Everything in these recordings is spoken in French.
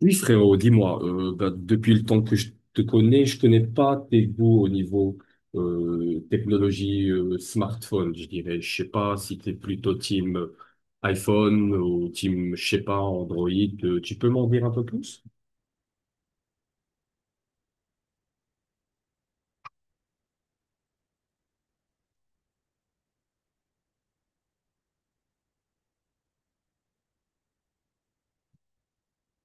Oui, frérot, dis-moi, bah, depuis le temps que je te connais, je connais pas tes goûts au niveau technologie smartphone, je dirais. Je sais pas si t'es plutôt team iPhone ou team, je sais pas, Android. Tu peux m'en dire un peu plus?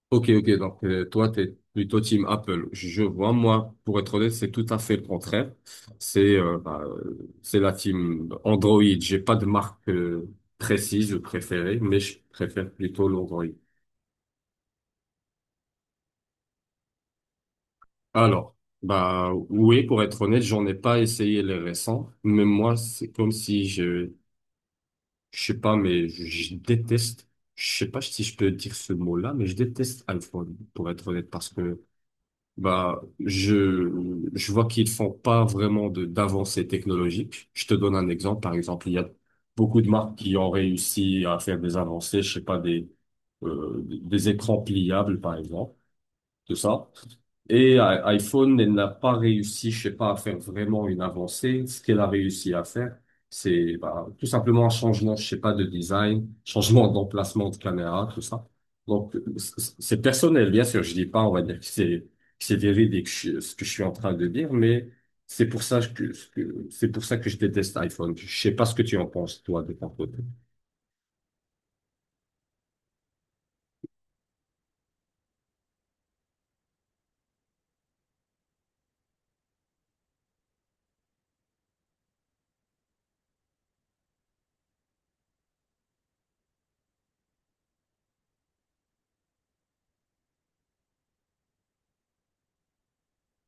Ok, ok, donc toi, t'es plutôt team Apple. Je vois, moi, pour être honnête, c'est tout à fait le contraire. C'est c'est la team Android. J'ai pas de marque précise ou préférée, mais je préfère plutôt l'Android. Alors, bah oui, pour être honnête, j'en ai pas essayé les récents, mais moi, c'est comme si je sais pas, mais je déteste, je sais pas si je peux dire ce mot-là, mais je déteste iPhone, pour être honnête, parce que bah je vois qu'ils font pas vraiment de d'avancées technologiques. Je te donne un exemple, par exemple, il y a beaucoup de marques qui ont réussi à faire des avancées, je sais pas, des écrans pliables, par exemple de ça. Et iPhone, elle n'a pas réussi, je sais pas, à faire vraiment une avancée. Ce qu'elle a réussi à faire, c'est bah, tout simplement un changement, je sais pas, de design, changement d'emplacement de caméra, tout ça. Donc, c'est personnel, bien sûr. Je dis pas, on va dire que c'est véridique, ce que je suis en train de dire, mais c'est pour ça c'est pour ça que je déteste iPhone. Je sais pas ce que tu en penses, toi, de ton côté.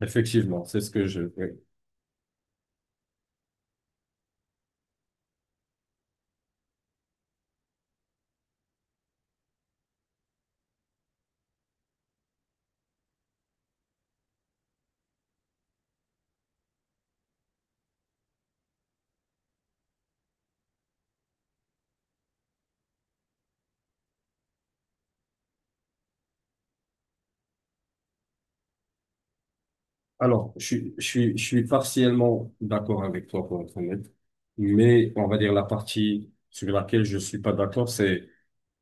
Effectivement, c'est ce que je. Alors, je suis partiellement d'accord avec toi pour être honnête, mais on va dire la partie sur laquelle je suis pas d'accord, c'est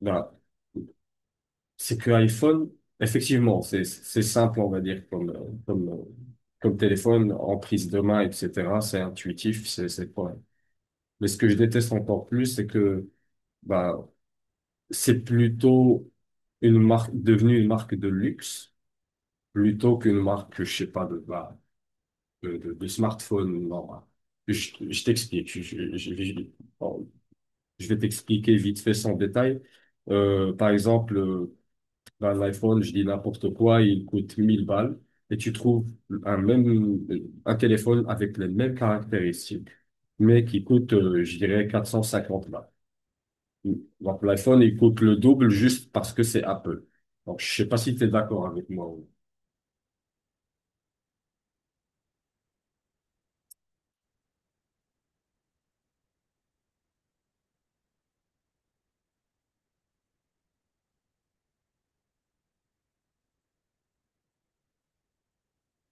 voilà, c'est que iPhone, effectivement, c'est simple, on va dire, comme téléphone en prise de main, etc. C'est intuitif, c'est pas. Mais ce que je déteste encore plus, c'est que bah c'est plutôt une marque devenue une marque de luxe plutôt qu'une marque, je sais pas, de bas, de smartphone. Non. Je t'explique. Je vais Bon, je vais t'expliquer vite fait sans détail. Par exemple, dans l'iPhone, je dis n'importe quoi, il coûte 1000 balles et tu trouves un même un téléphone avec les mêmes caractéristiques, mais qui coûte, je dirais, 450 balles. Donc l'iPhone, il coûte le double juste parce que c'est Apple. Donc je sais pas si tu es d'accord avec moi,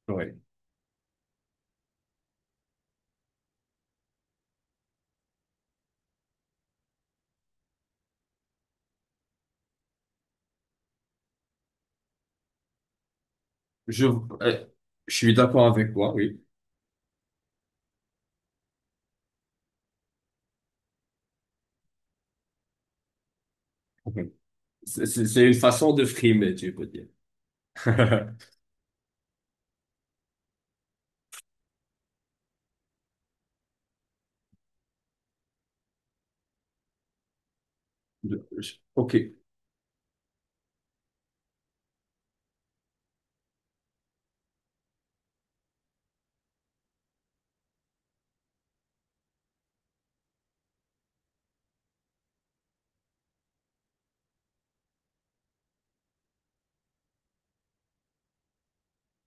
Ouais. Je, euh, je suis d'accord avec toi, oui. C'est une façon de frimer, tu peux dire. Ok,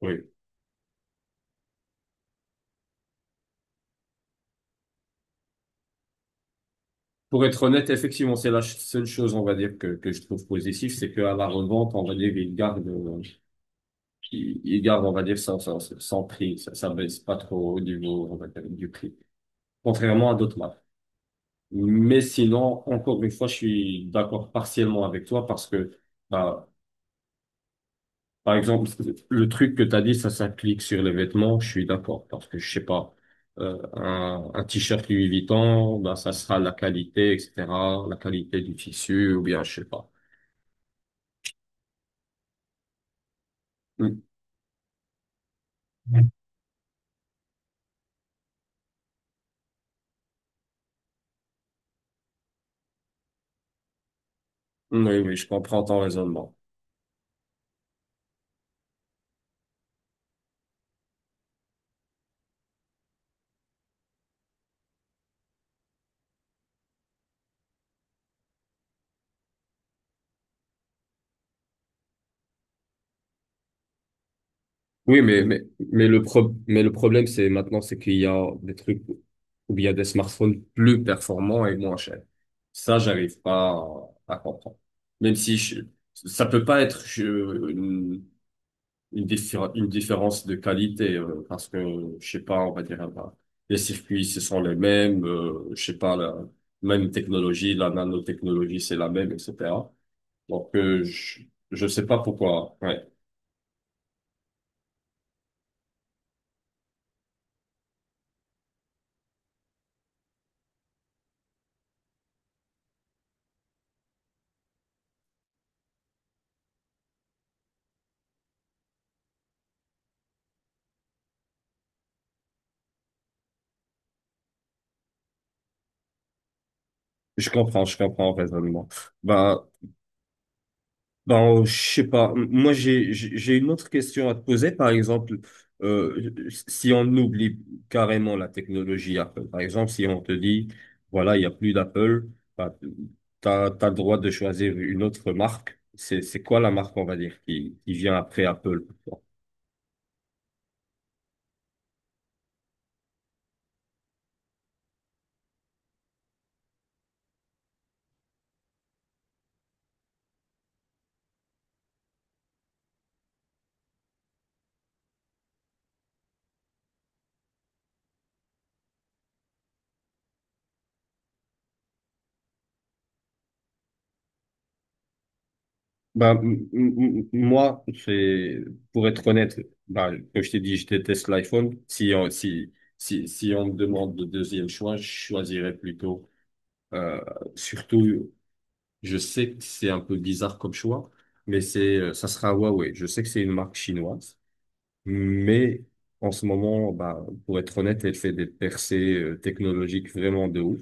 oui. Pour être honnête, effectivement, c'est la seule chose, on va dire, que je trouve positive, c'est qu'à la revente, on va dire, il garde, il garde, on va dire, son prix. Ça baisse pas trop au niveau, on va dire, du prix. Contrairement à d'autres marques. Mais sinon, encore une fois, je suis d'accord partiellement avec toi parce que, bah, par exemple, le truc que tu as dit, ça s'applique sur les vêtements, je suis d'accord, parce que je sais pas, un t-shirt Louis Vuitton, ben, ça sera la qualité, etc., la qualité du tissu, ou bien, je sais pas. Mm. Oui, oui, je comprends ton raisonnement. Oui, mais le problème, c'est maintenant, c'est qu'il y a des trucs, ou bien des smartphones plus performants et moins chers. Ça, j'arrive pas à comprendre. Même si je, ça peut pas être, je, une différence de qualité, parce que je sais pas, on va dire, bah les circuits ce sont les mêmes, je sais pas, la même technologie, la nanotechnologie c'est la même, etc. Donc, je sais pas pourquoi. Ouais, je comprends le raisonnement. Ben Ben, je sais pas. Moi, j'ai une autre question à te poser. Par exemple, euh, si on oublie carrément la technologie Apple, par exemple, si on te dit, voilà, il n'y a plus d'Apple, bah, t'as le droit de choisir une autre marque. C'est quoi la marque, on va dire, qui vient après Apple pour toi? Ben, moi, c'est, pour être honnête, bah comme je t'ai dit, je déteste l'iPhone. Si on me demande le deuxième choix, je choisirais plutôt, euh, surtout. Je sais que c'est un peu bizarre comme choix, mais c'est, ça sera Huawei. Je sais que c'est une marque chinoise, mais en ce moment, bah, pour être honnête, elle fait des percées technologiques vraiment de ouf.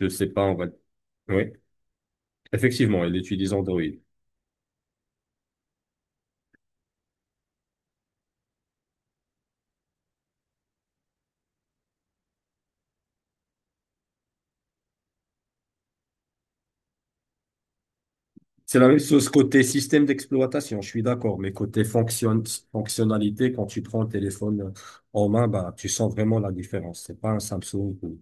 Je sais pas, on va. Oui, effectivement, elle utilise Android. C'est la même chose côté système d'exploitation, je suis d'accord, mais côté fonctionnalité, quand tu prends le téléphone en main, bah, tu sens vraiment la différence. C'est pas un Samsung,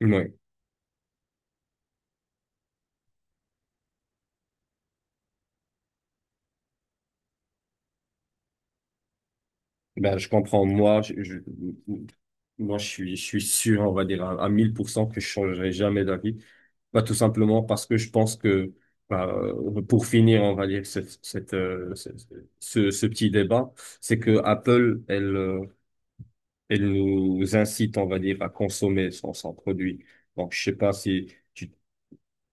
Ouais. Ben, je comprends. Moi, je suis sûr, on va dire, à 1000% que je changerai jamais d'avis. Bah, tout simplement parce que je pense que, bah, pour finir, on va dire, cette, cette, ce, ce ce petit débat, c'est que Apple, elle, et nous incite, on va dire, à consommer son produit. Donc, je sais pas si tu,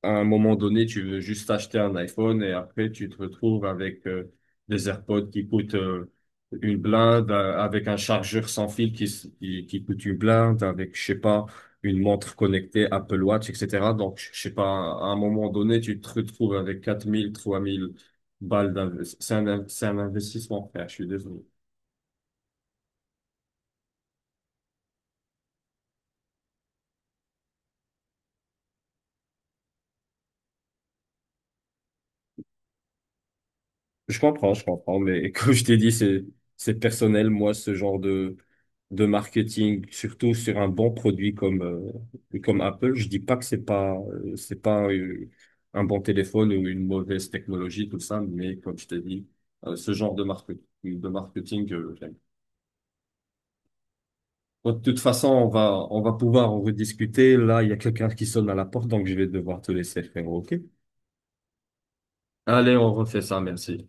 à un moment donné, tu veux juste acheter un iPhone et après, tu te retrouves avec des AirPods qui coûtent une blinde, avec un chargeur sans fil qui coûte une blinde, avec, je sais pas, une montre connectée, Apple Watch, etc. Donc, je sais pas, à un moment donné, tu te retrouves avec 4 000, 3 000 balles d'investissement. C'est un investissement, frère, je suis désolé. Je comprends, mais comme je t'ai dit, c'est personnel, moi, ce genre de marketing, surtout sur un bon produit comme Apple, je dis pas que c'est pas un bon téléphone ou une mauvaise technologie, tout ça, mais comme je t'ai dit, ce genre de marketing, j'aime. Bon, de toute façon, on va pouvoir en rediscuter. Là, il y a quelqu'un qui sonne à la porte, donc je vais devoir te laisser, frérot, ok? Allez, on refait ça, merci.